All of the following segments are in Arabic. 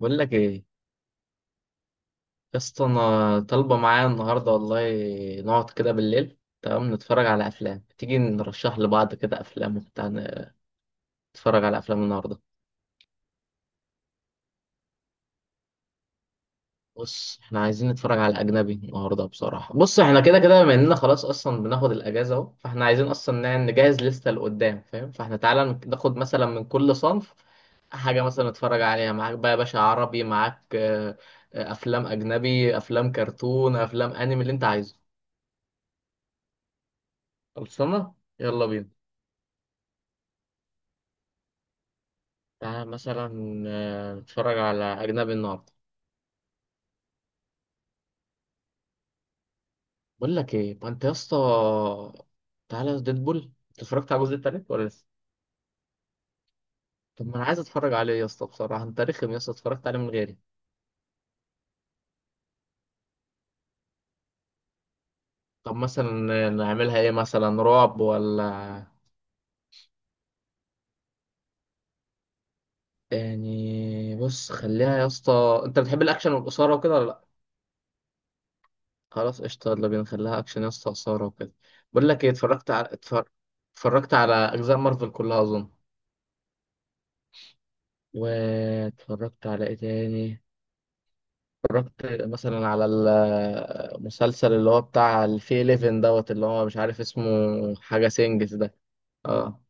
بقول لك ايه يا اسطى، انا طالبه معايا النهارده والله. نقعد كده بالليل، تمام؟ نتفرج على افلام، تيجي نرشح لبعض كده افلام وبتاع، نتفرج على افلام النهارده. بص، احنا عايزين نتفرج على اجنبي النهارده بصراحه. بص، احنا كده كده بما اننا خلاص اصلا بناخد الاجازه اهو، فاحنا عايزين اصلا نجهز لسته لقدام، فاهم؟ فاحنا تعالى ناخد مثلا من كل صنف حاجه مثلا نتفرج عليها. معاك بقى يا باشا، عربي معاك، افلام اجنبي، افلام كرتون، افلام انمي، اللي انت عايزه. خلصانه، يلا بينا. تعالى مثلا نتفرج على أجنبي النهاردة. بقول لك إيه، ما أنت يا اسطى تعالى ديدبول. أنت اتفرجت على الجزء التالت ولا لسه؟ طب ما أنا عايز أتفرج عليه يا اسطى، بصراحة أنت رخم يا اسطى، اتفرجت عليه من غيري. طب مثلا نعملها إيه؟ مثلا رعب ولا؟ يعني بص، خليها يا اسطى، أنت بتحب الأكشن والإثارة وكده ولا لأ؟ خلاص قشطة، يلا بينا نخليها أكشن يا اسطى، إثارة وكده. بقول لك إيه، اتفرجت على أجزاء مارفل كلها أظن. واتفرجت على إيه تاني؟ اتفرجت مثلا على المسلسل اللي هو بتاع الفي 11 دوت، اللي هو مش عارف اسمه. حاجة سينجز ده. اه.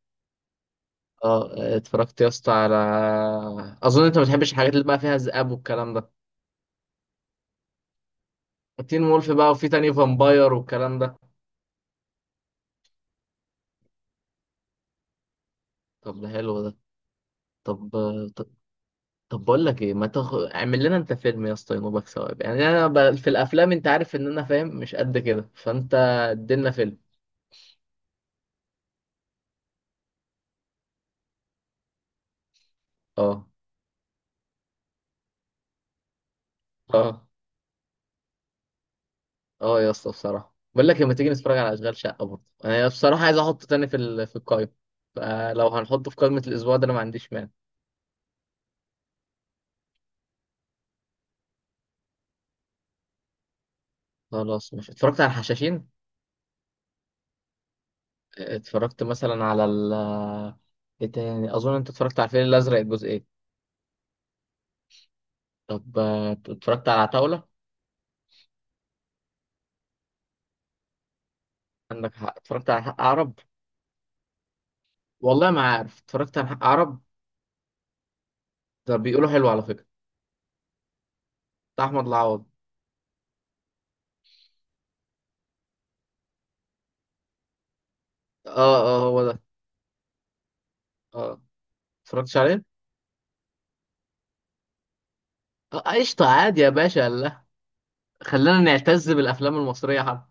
اه. اتفرجت يا اسطى على، اظن انت ما بتحبش الحاجات اللي بقى فيها ذئاب والكلام ده. تين وولف بقى، وفي تاني فامباير والكلام ده. طب ده حلو ده. طب طب, طب، بقول لك ايه، ما اعمل لنا انت فيلم يا اسطى ينوبك ثواب. يعني انا في الافلام انت عارف ان انا فاهم مش قد كده، فانت ادينا فيلم. اه. اه. اه يا اسطى بصراحه بقول لك، لما تيجي نتفرج على اشغال شقه، برضه انا بصراحه عايز احطه تاني في القائمه. فلو هنحطه في قائمه الاسبوع ده انا ما عنديش مانع. خلاص، مش اتفرجت على الحشاشين. اتفرجت مثلا على ال، ايه تاني؟ اظن انت اتفرجت على الفيل الازرق الجزئين. طب اتفرجت على عتاوله. عندك حق. اتفرجت على حق عرب. والله ما عارف، اتفرجت على حق عرب. ده بيقولوا حلو على فكره. بتاع احمد العوضي. اه. اه هو ده. اه اتفرجتش عليه. قشطه عادي يا باشا، لا. خلينا نعتز بالافلام المصريه حب.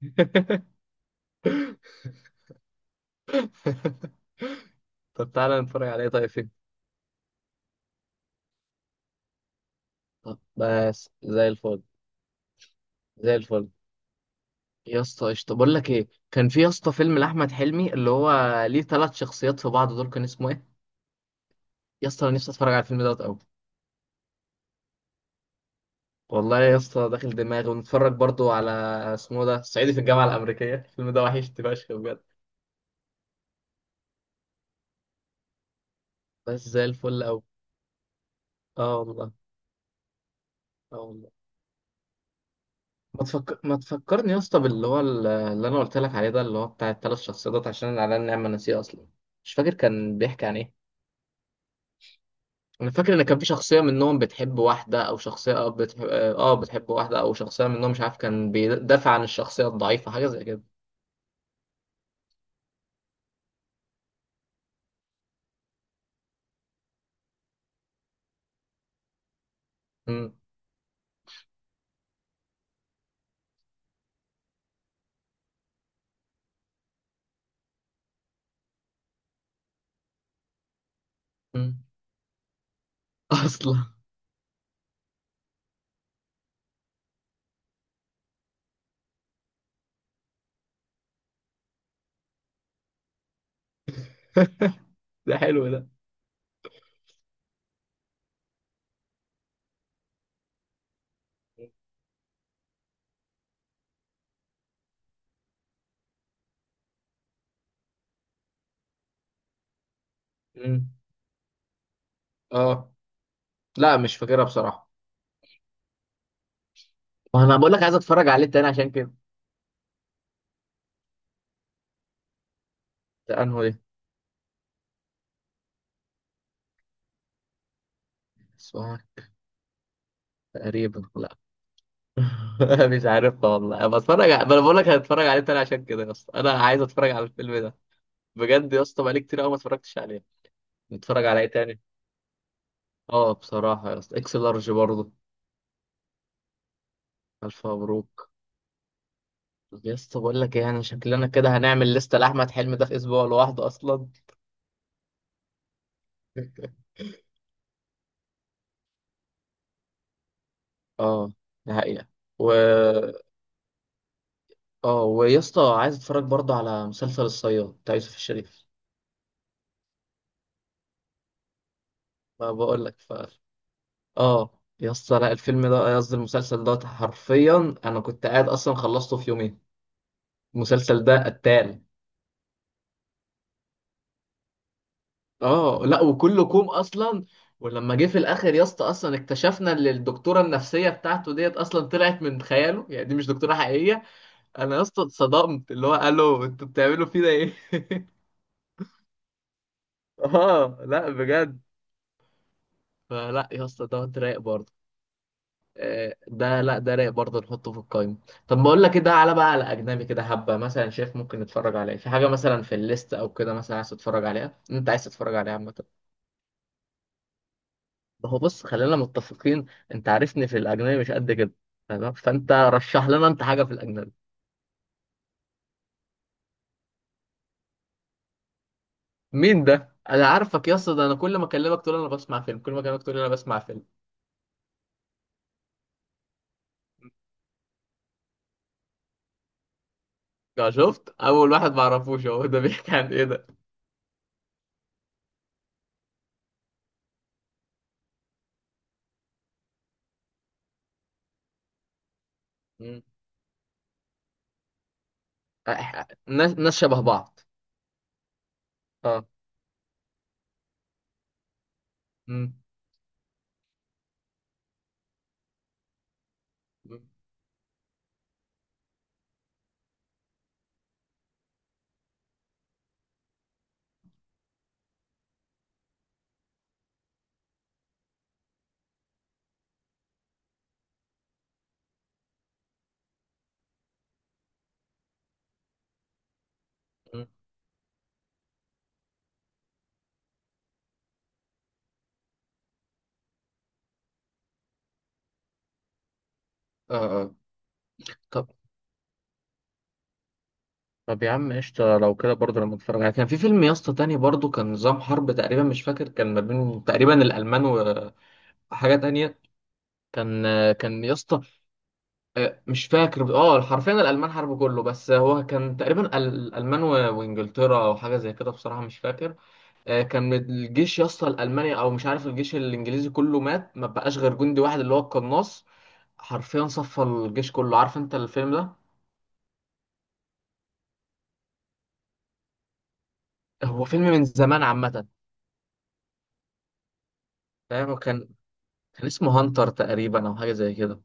طب تعالى نتفرج عليه طيب، فين؟ طب بس زي الفل. زي الفل يا اسطى قشطة. بقول لك ايه، كان في يا اسطى فيلم لأحمد حلمي اللي هو ليه ثلاث شخصيات في بعض دول، كان اسمه ايه؟ يا اسطى انا نفسي اتفرج على الفيلم دوت قوي. والله يا اسطى داخل دماغي، ونتفرج برضو على، اسمه ده صعيدي في الجامعة الأمريكية. الفيلم ده وحشتني فشخ بجد. بس زي الفل قوي. اه والله. اه والله. ما تفكر، ما تفكرني يا اسطى باللي هو اللي انا قلت لك عليه ده، اللي هو بتاع الثلاث شخصيات، عشان انا على النعمه ناسيه اصلا. مش فاكر كان بيحكي عن ايه. انا فاكر ان كان في شخصيه منهم بتحب واحده، او شخصيه اه بتحب اه بتحب واحده، او شخصيه منهم مش عارف، كان بيدافع عن الشخصيه الضعيفه حاجه زي كده. امم. امم. اصلا. ده حلو ده. امم. اه. لا مش فاكرها بصراحه. وانا بقول لك عايز اتفرج عليه تاني عشان كده. ده انهو ده؟ اسمها، تقريبا لا. مش عارف والله. انا بتفرج ما انا بقول لك، هتفرج عليه تاني عشان كده يا اسطى، انا عايز اتفرج على الفيلم ده. بجد يا اسطى، بقالي كتير قوي ما اتفرجتش عليه. نتفرج على ايه تاني؟ اه بصراحه يا اسطى اكس لارج برضه. الف مبروك. طب يا اسطى بقول لك ايه، انا شكلنا كده هنعمل لسته لاحمد حلمي ده في اسبوع لوحده اصلا. اه. ده حقيقه. و، اه، ويا اسطى عايز اتفرج برضه على مسلسل الصياد بتاع يوسف الشريف. ما بقول لك. اه يا اسطى لا الفيلم ده قصدي المسلسل ده، حرفيا انا كنت قاعد اصلا خلصته في يومين. المسلسل ده قتال. اه لا وكله كوم اصلا. ولما جه في الاخر يا اسطى اصلا اكتشفنا ان الدكتوره النفسيه بتاعته ديت اصلا طلعت من خياله، يعني دي مش دكتوره حقيقيه. انا يا اسطى اتصدمت اللي هو الو انتوا بتعملوا فينا ايه. اه لا بجد. فلا يا اسطى ده رايق برضه. ده لا ده رايق برضه، نحطه في القايمة. طب بقول لك كده على بقى، على أجنبي كده، حبة مثلا شايف ممكن نتفرج عليه، في حاجة مثلا في الليست أو كده مثلا عايز تتفرج عليها، أنت عايز تتفرج عليها عامة. ما هو بص خلينا متفقين، أنت عارفني في الأجنبي مش قد كده، تمام؟ فأنت رشح لنا أنت حاجة في الأجنبي. مين ده؟ أنا عارفك يا اسطى، ده أنا كل ما أكلمك تقول أنا بسمع فيلم، كل ما أكلمك تقول أنا بسمع فيلم. ده شفت أول واحد ما أعرفوش هو، ده بيحكي عن إيه ده؟ مم. ناس شبه بعض. أه. مم. مم. مم. اه. آه. طب، طب يا عم قشطة، لو كده برضه لما اتفرج عليه، كان في فيلم يا اسطى تاني برضه، كان نظام حرب تقريبا، مش فاكر، كان ما بين تقريبا الألمان وحاجة تانية. كان كان يا اسطى مش فاكر، اه حرفيا الألمان حرب كله، بس هو كان تقريبا الألمان وإنجلترا أو حاجة زي كده بصراحة مش فاكر. كان الجيش يا اسطى الألماني، أو مش عارف الجيش الإنجليزي، كله مات، ما بقاش غير جندي واحد اللي هو القناص. حرفيا صفى الجيش كله. عارف أنت الفيلم ده؟ هو فيلم من زمان عامة. فاهم كان، كان اسمه هانتر تقريبا او حاجه زي كده.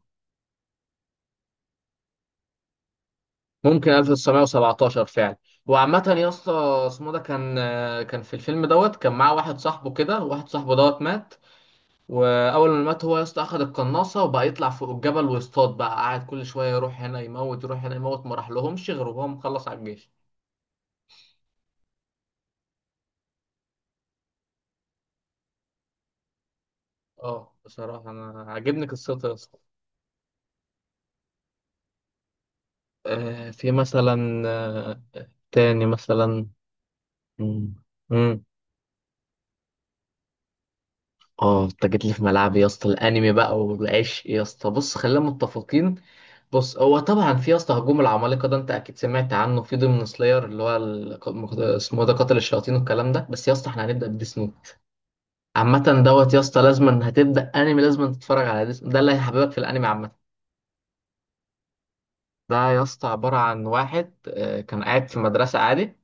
ممكن 1917 فعلا. وعامة يا اسطى اسمه ده كان، كان في الفيلم دوت كان معاه واحد صاحبه كده، واحد صاحبه دوت مات. واول ما مات هو يا اسطى اخد القناصه وبقى يطلع فوق الجبل ويصطاد بقى، قاعد كل شويه يروح هنا يموت، يروح هنا يموت، ما راح لهمش غير وهو مخلص على الجيش. اه بصراحه انا عاجبني قصته يا اسطى. آه في مثلا آه، تاني مثلا. مم. مم. اه انت جيت لي في ملعبي يا اسطى، الانمي بقى والعشق يا اسطى، بص خلينا متفقين. بص هو طبعا في يا اسطى هجوم العمالقه ده انت اكيد سمعت عنه، في ضمن سلاير اللي هو اسمه إيه ده، قاتل الشياطين والكلام ده، بس يا اسطى احنا هنبدا بديس نوت. عامه دوت يا اسطى لازما هتبدا انمي لازما تتفرج على ديس ده اللي هيحببك في الانمي عامه. ده يا اسطى عبارة عن واحد كان قاعد في مدرسة عادي.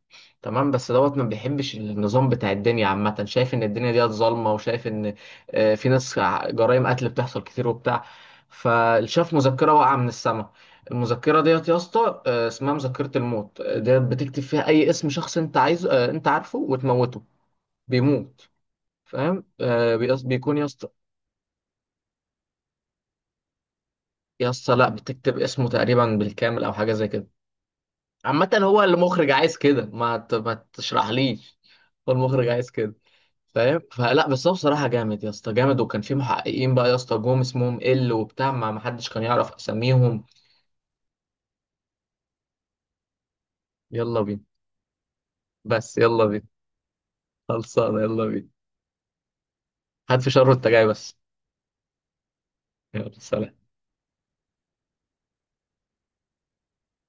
تمام بس دوت ما بيحبش النظام بتاع الدنيا عامة، شايف إن الدنيا ديت ظالمة، وشايف إن في ناس جرائم قتل بتحصل كتير وبتاع. فشاف مذكرة واقعة من السماء. المذكرة ديت يا اسطى اسمها مذكرة الموت. ديت بتكتب فيها أي اسم شخص أنت عايزه، أنت عارفه، وتموته. بيموت. فاهم؟ بيكون يا اسطى. يا اسطى لا بتكتب اسمه تقريبا بالكامل أو حاجة زي كده. عامة هو المخرج عايز كده، ما تشرحليش. هو المخرج عايز كده. فاهم؟ فلا بس هو بصراحة جامد يا اسطى، جامد. وكان في محققين بقى يا اسطى جم اسمهم ال وبتاع، ما حدش كان يعرف اساميهم. يلا بينا. بس يلا بينا. خلصانة يلا بينا. هات في شر وانت جاي بس. يلا سلام.